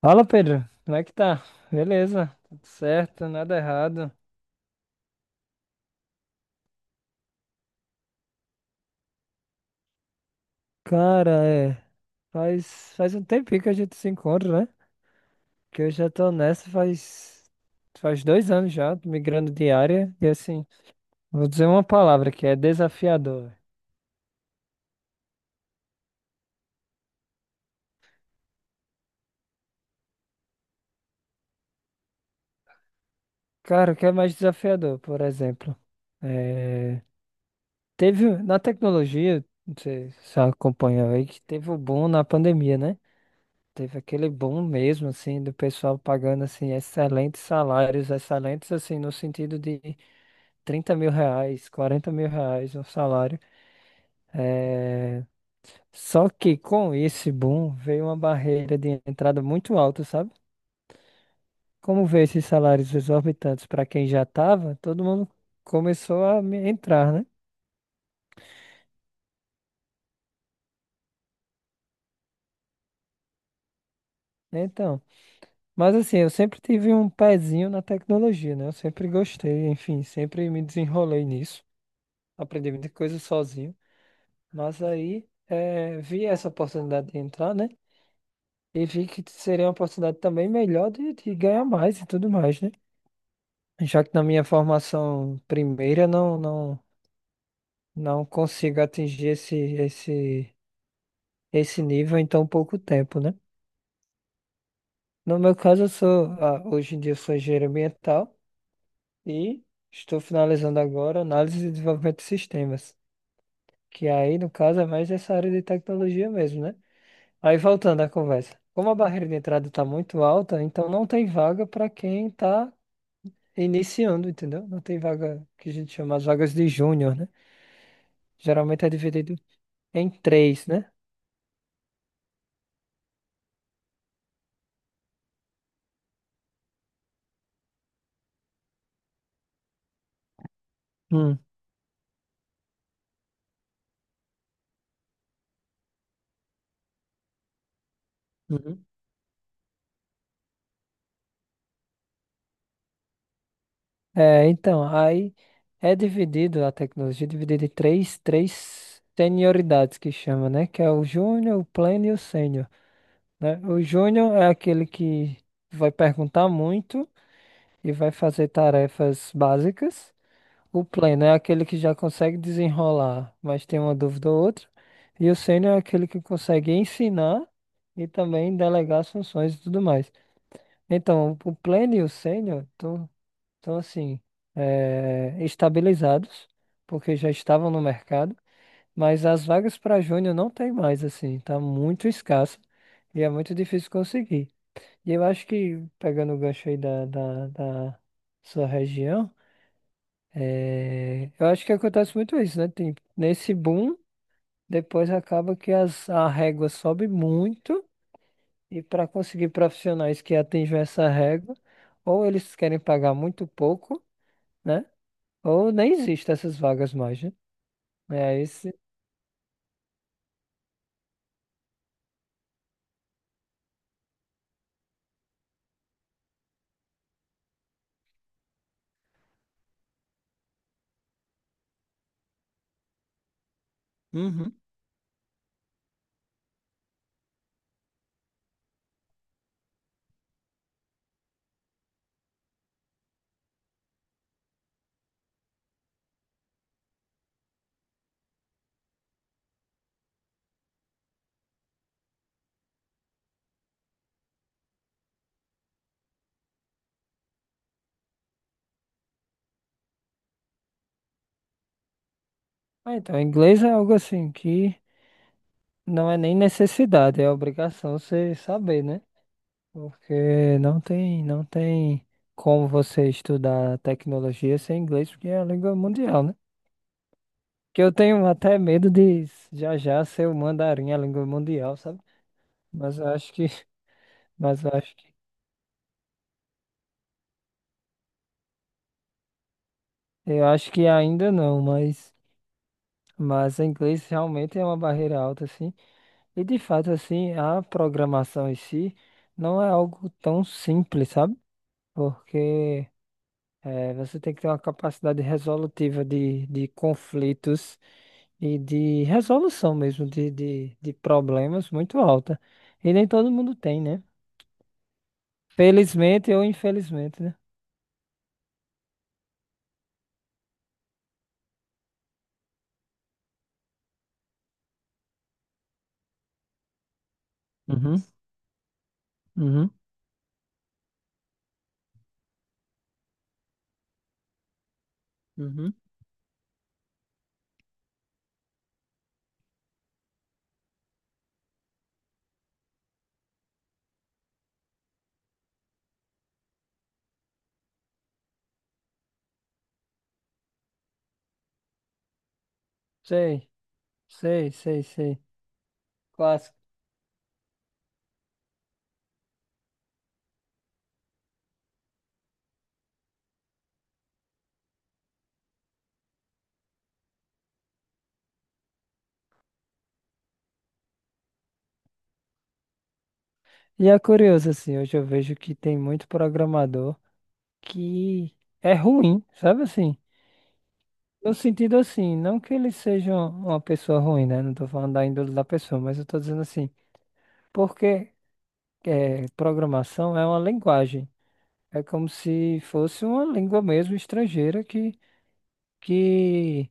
Fala, Pedro. Como é que tá? Beleza, tudo certo, nada errado. Cara, é. Faz um tempinho que a gente se encontra, né? Que eu já tô nessa faz dois anos já, tô migrando de área. E assim, vou dizer uma palavra que é desafiador. Cara, o que é mais desafiador, por exemplo? É, teve na tecnologia, não sei se você acompanhou aí, que teve o boom na pandemia, né? Teve aquele boom mesmo, assim, do pessoal pagando, assim, excelentes salários, excelentes, assim, no sentido de R$ 30.000, R$ 40.000 um salário. É... Só que com esse boom veio uma barreira de entrada muito alta, sabe? Como veio esses salários exorbitantes para quem já estava, todo mundo começou a entrar, né? Então, mas assim, eu sempre tive um pezinho na tecnologia, né? Eu sempre gostei, enfim, sempre me desenrolei nisso. Aprendi muita coisa sozinho. Mas aí vi essa oportunidade de entrar, né? E vi que seria uma oportunidade também melhor de ganhar mais e tudo mais, né? Já que na minha formação primeira não consigo atingir esse nível em tão pouco tempo, né? No meu caso, eu sou hoje em dia eu sou engenheiro ambiental e estou finalizando agora análise e desenvolvimento de sistemas, que aí no caso é mais essa área de tecnologia mesmo, né? Aí voltando à conversa. Como a barreira de entrada está muito alta, então não tem vaga para quem está iniciando, entendeu? Não tem vaga que a gente chama as vagas de júnior, né? Geralmente é dividido em três, né? Hum, uhum. É, então, aí é dividido a tecnologia, é dividida em três, três senioridades que chama, né? Que é o júnior, o pleno e o sênior, né? O júnior é aquele que vai perguntar muito e vai fazer tarefas básicas. O pleno é aquele que já consegue desenrolar, mas tem uma dúvida ou outra. E o sênior é aquele que consegue ensinar e também delegar as funções e tudo mais. Então, o pleno e o sênior estão assim, estabilizados, porque já estavam no mercado, mas as vagas para júnior não tem mais, assim, tá muito escassa e é muito difícil conseguir. E eu acho que, pegando o gancho aí da sua região, é, eu acho que acontece muito isso, né? Tem, nesse boom, depois acaba que as, a régua sobe muito, e para conseguir profissionais que atinjam essa régua, ou eles querem pagar muito pouco, né? Ou nem existem essas vagas mais, né? É esse. Uhum. Ah, então, inglês é algo assim que não é nem necessidade, é obrigação você saber, né? Porque não tem, não tem como você estudar tecnologia sem inglês, porque é a língua mundial, né? Que eu tenho até medo de já já ser o mandarim, a língua mundial, sabe? Mas eu acho que, mas eu acho que, eu acho que ainda não, mas o inglês realmente é uma barreira alta, assim. E de fato, assim, a programação em si não é algo tão simples, sabe? Porque você tem que ter uma capacidade resolutiva de conflitos e de resolução mesmo de problemas muito alta. E nem todo mundo tem, né? Felizmente ou infelizmente, né? Uhum, uhum, uhum. Sei, sei, sei, sei. Clássico. E é curioso, assim, hoje eu vejo que tem muito programador que é ruim, sabe assim? No sentido assim, não que ele seja uma pessoa ruim, né? Não tô falando da índole da pessoa, mas eu tô dizendo assim, porque é, programação é uma linguagem. É como se fosse uma língua mesmo estrangeira que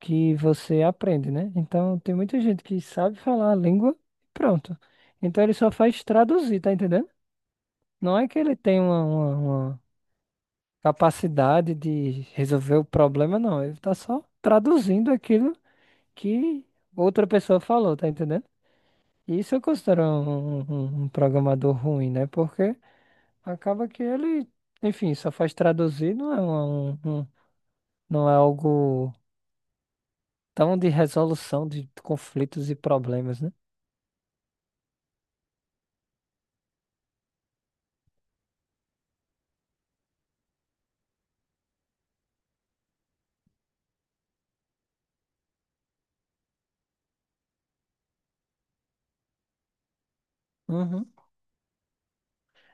que você aprende, né? Então tem muita gente que sabe falar a língua e pronto. Então ele só faz traduzir, tá entendendo? Não é que ele tem uma, uma capacidade de resolver o problema, não. Ele tá só traduzindo aquilo que outra pessoa falou, tá entendendo? E isso eu considero um programador ruim, né? Porque acaba que ele, enfim, só faz traduzir, não é não é algo tão de resolução de conflitos e problemas, né? Uhum.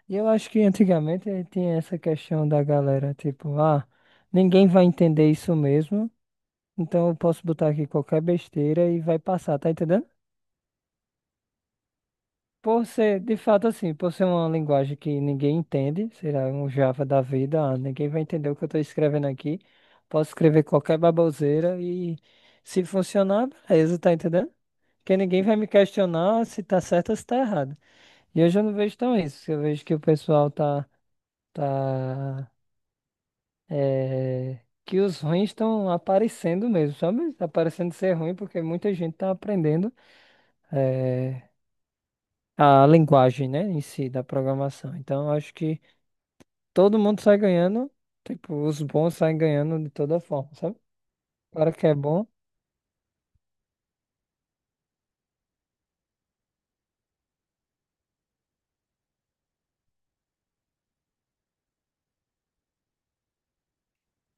E eu acho que antigamente tinha essa questão da galera, tipo, ah, ninguém vai entender isso mesmo, então eu posso botar aqui qualquer besteira e vai passar, tá entendendo? Por ser, de fato, assim, por ser uma linguagem que ninguém entende, será um Java da vida, ah, ninguém vai entender o que eu estou escrevendo aqui, posso escrever qualquer baboseira e se funcionar, beleza, tá entendendo? Porque ninguém vai me questionar se tá certo ou se tá errado. E hoje eu não vejo tão isso, eu vejo que o pessoal tá. Tá é, que os ruins estão aparecendo mesmo, sabe? Tá parecendo ser ruim porque muita gente está aprendendo é, a linguagem, né, em si da programação. Então, eu acho que todo mundo sai ganhando, tipo, os bons saem ganhando de toda forma, sabe? O que é bom.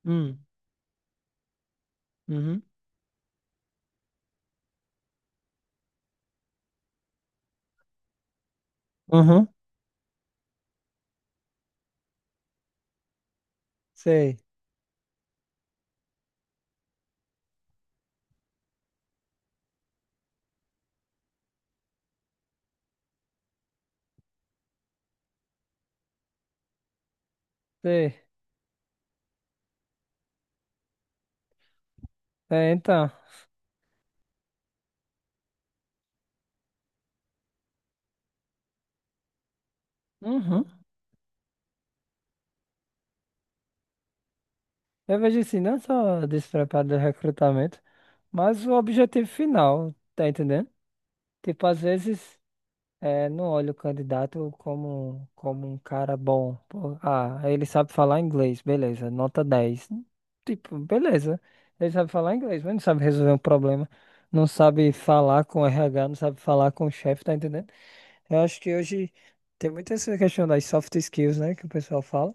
Hum, uhum, uhum, sei, sei. É, então, uhum. Eu vejo assim, não só despreparo do recrutamento, mas o objetivo final, tá entendendo? Tipo, às vezes. É, não olho o candidato como um cara bom. Pô, ah, ele sabe falar inglês, beleza, nota 10. Tipo, beleza, ele sabe falar inglês, mas não sabe resolver um problema, não sabe falar com o RH, não sabe falar com o chefe, tá entendendo? Eu acho que hoje tem muito essa questão das soft skills, né, que o pessoal fala,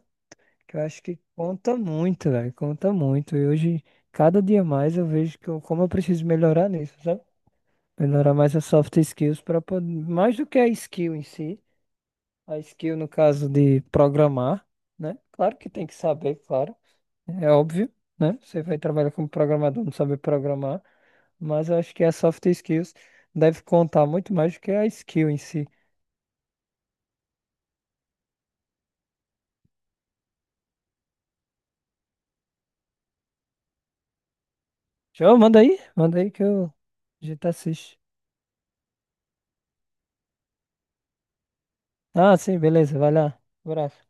que eu acho que conta muito, velho, conta muito. E hoje, cada dia mais, eu vejo que eu, como eu preciso melhorar nisso, sabe? Melhorar mais as soft skills para poder, mais do que a skill em si. A skill, no caso de programar, né? Claro que tem que saber, claro. É óbvio, né? Você vai trabalhar como programador, não saber programar. Mas eu acho que a soft skills deve contar muito mais do que a skill em si. João, manda aí que eu... a gente assiste. Ah, sim, beleza, vai lá. Abraço.